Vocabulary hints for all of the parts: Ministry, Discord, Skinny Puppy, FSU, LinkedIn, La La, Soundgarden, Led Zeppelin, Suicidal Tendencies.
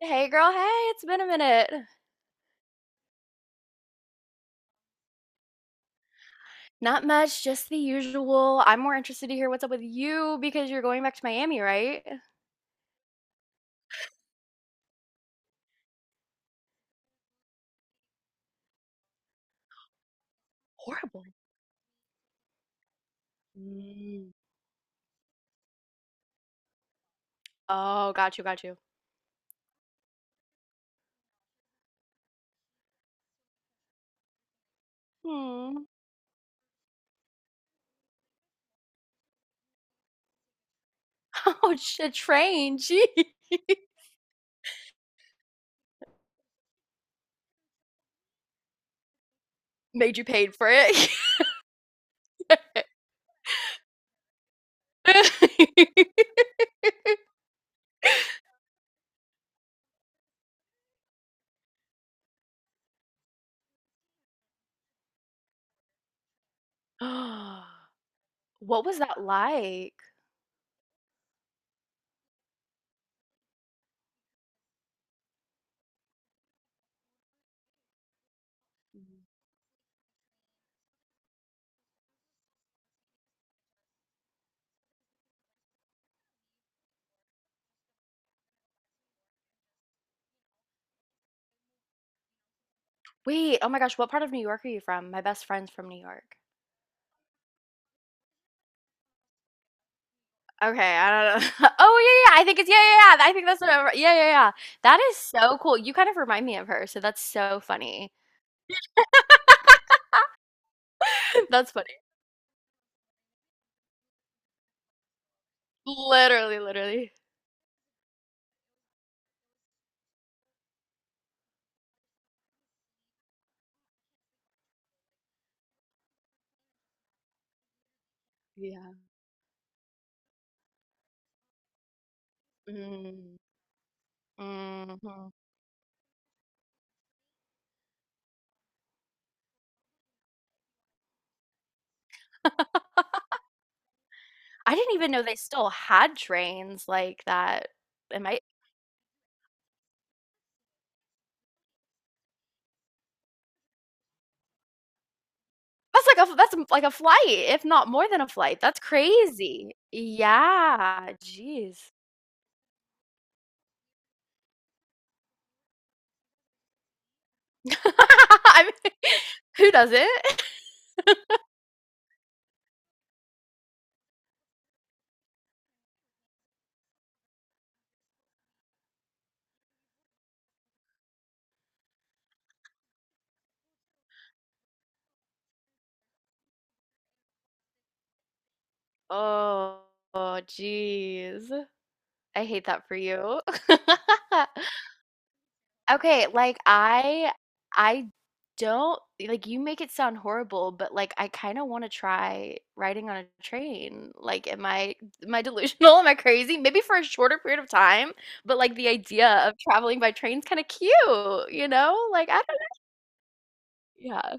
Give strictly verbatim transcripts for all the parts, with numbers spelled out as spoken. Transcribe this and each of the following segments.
Hey girl, hey, it's been a minute. Not much, just the usual. I'm more interested to hear what's up with you because you're going back to Miami, right? Mm. Oh, got you, got you. Hmm. Oh, sh- a train. Gee. Made you paid for it. What was that like? Mm. Wait, oh my gosh, what part of New York are you from? My best friend's from New York. Okay, I don't know. Oh, yeah, yeah, yeah, I think it's, yeah, yeah, yeah. I think that's what I, yeah, yeah, yeah. That is so cool. You kind of remind me of her, so that's so funny. That's funny. Literally, literally. Yeah. Mm, mhm. I didn't even know they still had trains like that. Am I That's like a that's like a flight, if not more than a flight. That's crazy. Yeah, jeez. I mean, who doesn't? Oh, jeez. I hate that for you. Okay, like, I I don't like, you make it sound horrible, but, like, I kinda wanna try riding on a train. Like, am I am I delusional? Am I crazy? Maybe for a shorter period of time, but, like, the idea of traveling by train's kinda cute, you know? Like, I don't. Yeah.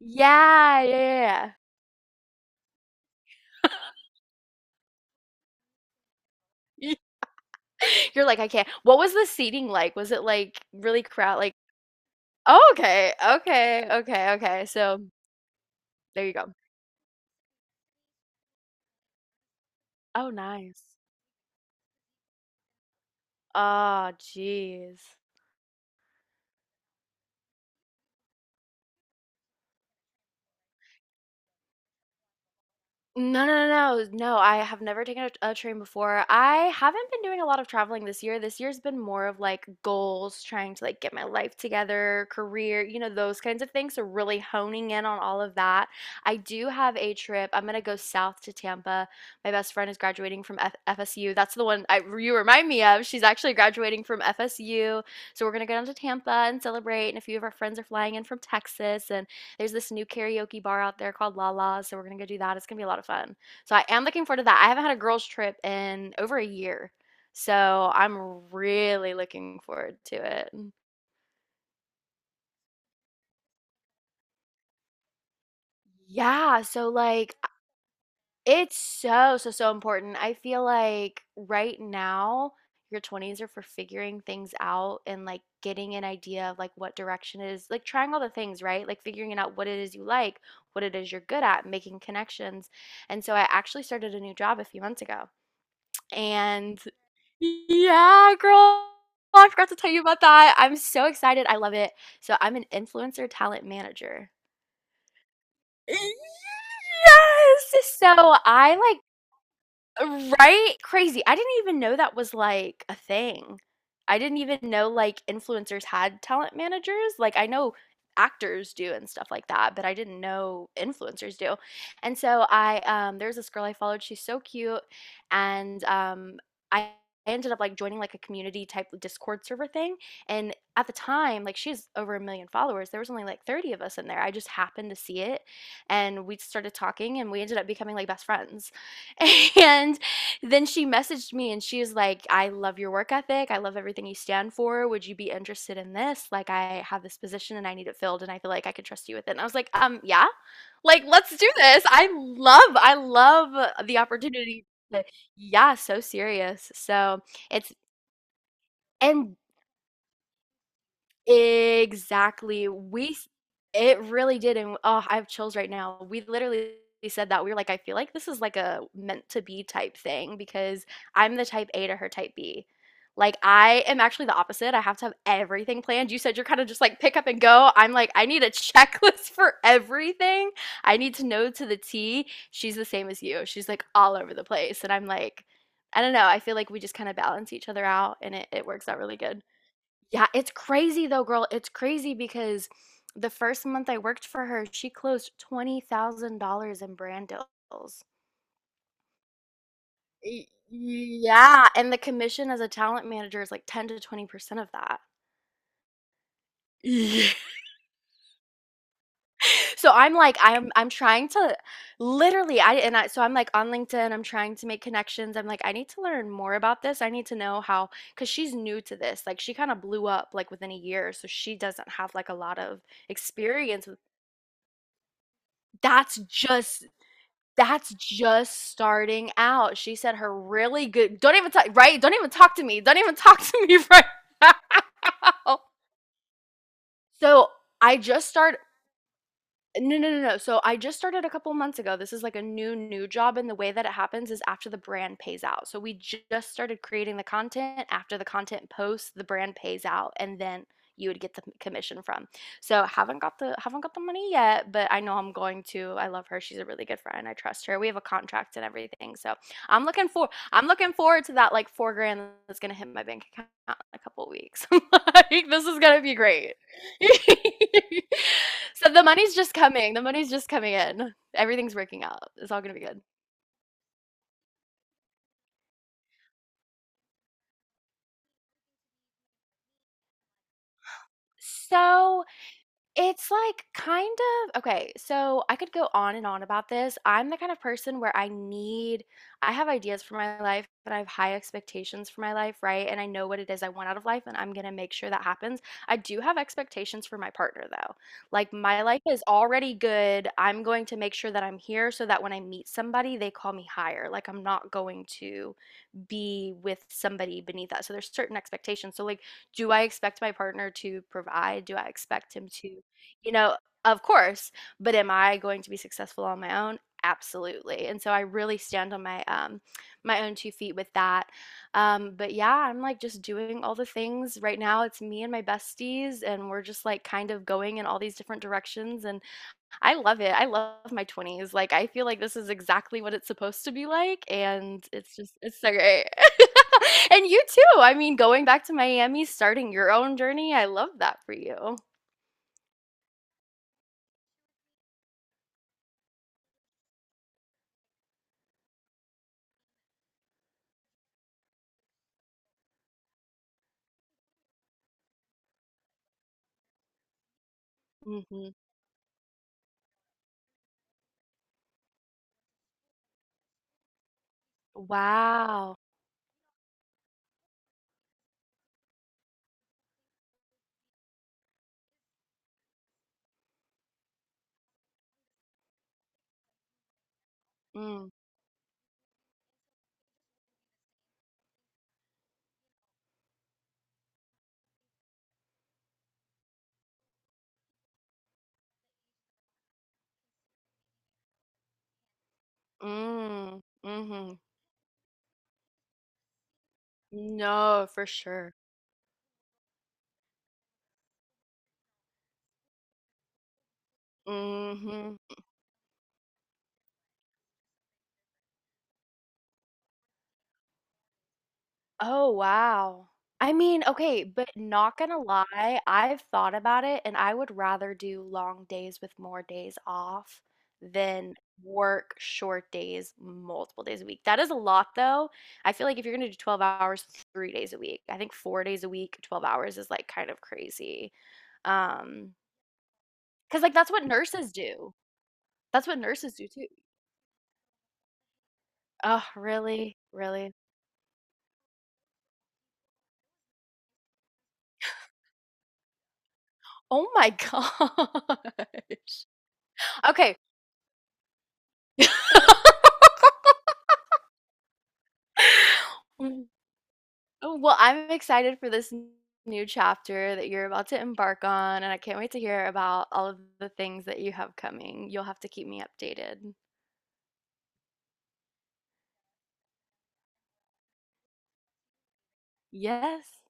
Yeah, yeah, yeah. Yeah. You're like, "I can't." What was the seating like? Was it, like, really crow like. Oh, okay, okay, okay, okay, so. There you go. Oh, nice. Ah, jeez. No, no, no, no. No, I have never taken a, a train before. I haven't been doing a lot of traveling this year. This year's been more of like goals, trying to like get my life together, career, you know, those kinds of things. So really honing in on all of that. I do have a trip. I'm gonna go south to Tampa. My best friend is graduating from F FSU. That's the one I, you remind me of. She's actually graduating from F S U. So we're gonna go down to Tampa and celebrate. And a few of our friends are flying in from Texas, and there's this new karaoke bar out there called La La, so we're gonna go do that. It's gonna be a lot of fun. So I am looking forward to that. I haven't had a girls' trip in over a year, so I'm really looking forward to it. Yeah, so like, it's so, so, so important. I feel like right now, your twenties are for figuring things out and like getting an idea of like what direction it is, like trying all the things, right? Like figuring it out what it is you like, what it is you're good at, making connections. And so I actually started a new job a few months ago. And yeah, girl, I forgot to tell you about that. I'm so excited. I love it. So I'm an influencer talent manager. Yes! So I, like, right? Crazy. I didn't even know that was, like, a thing. I didn't even know, like, influencers had talent managers. Like, I know actors do and stuff like that, but I didn't know influencers do. And so I, um there's this girl I followed, she's so cute, and, um, I ended up, like, joining, like, a community type Discord server thing, and at the time, like, she's over a million followers, there was only, like, thirty of us in there. I just happened to see it, and we started talking, and we ended up becoming, like, best friends. And then she messaged me and she was like, "I love your work ethic. I love everything you stand for. Would you be interested in this? Like, I have this position and I need it filled and I feel like I could trust you with it." And I was like, um, yeah, like, let's do this. I love, I love uh, the opportunity. to- yeah, so serious. So it's, and exactly. We s it really did, and oh, I have chills right now. We literally said that. We were like, "I feel like this is like a meant to be type thing," because I'm the type A to her type B. Like, I am actually the opposite. I have to have everything planned. You said you're kinda just like pick up and go. I'm like, I need a checklist for everything. I need to know to the T. She's the same as you. She's like all over the place, and I'm like, I don't know. I feel like we just kinda balance each other out, and it it works out really good. Yeah, it's crazy though, girl. It's crazy because the first month I worked for her, she closed twenty thousand dollars in brand deals. Y- Yeah, and the commission as a talent manager is like ten to twenty percent of that. Yeah. So I'm like I'm I'm trying to literally, I and I so I'm like on LinkedIn, I'm trying to make connections. I'm like I need to learn more about this. I need to know how cuz she's new to this. Like she kind of blew up like within a year, so she doesn't have like a lot of experience with that's just That's just starting out. She said her really good, don't even talk, right? Don't even talk to me. Don't even talk to me right now. So I just started. No, no, no, no. So I just started a couple months ago. This is like a new, new job. And the way that it happens is after the brand pays out. So we ju- just started creating the content. After the content posts, the brand pays out and then you would get the commission from. So haven't got the haven't got the money yet, but I know I'm going to. I love her. She's a really good friend. I trust her. We have a contract and everything. So I'm looking for I'm looking forward to that like four grand that's gonna hit my bank account in a couple weeks. Like this is gonna be great. So the money's just coming. The money's just coming in. Everything's working out. It's all gonna be good. So it's like kind of okay, so I could go on and on about this. I'm the kind of person where I need I have ideas for my life, but I have high expectations for my life, right? And I know what it is I want out of life, and I'm gonna make sure that happens. I do have expectations for my partner though. Like my life is already good. I'm going to make sure that I'm here so that when I meet somebody, they call me higher. Like I'm not going to be with somebody beneath that. So there's certain expectations. So like, do I expect my partner to provide? Do I expect him to, you know, of course, but am I going to be successful on my own? Absolutely. And so I really stand on my um my own two feet with that. Um but yeah, I'm like just doing all the things right now. It's me and my besties and we're just like kind of going in all these different directions and I love it. I love my twenties. Like I feel like this is exactly what it's supposed to be like and it's just it's so great. And you too. I mean, going back to Miami, starting your own journey. I love that for you. Mhm. Wow. Mm, mm, mhm. No, for sure. Mhm. Oh, wow. I mean, okay, but not gonna lie, I've thought about it and I would rather do long days with more days off than work short days multiple days a week. That is a lot though. I feel like if you're gonna do twelve hours, three days a week, I think four days a week, twelve hours is like kind of crazy. Um, because like that's what nurses do. That's what nurses do too. Oh, really? Really? Oh my gosh. Okay. Mm. Oh, well, I'm excited for this n- new chapter that you're about to embark on, and I can't wait to hear about all of the things that you have coming. You'll have to keep me updated. Yes.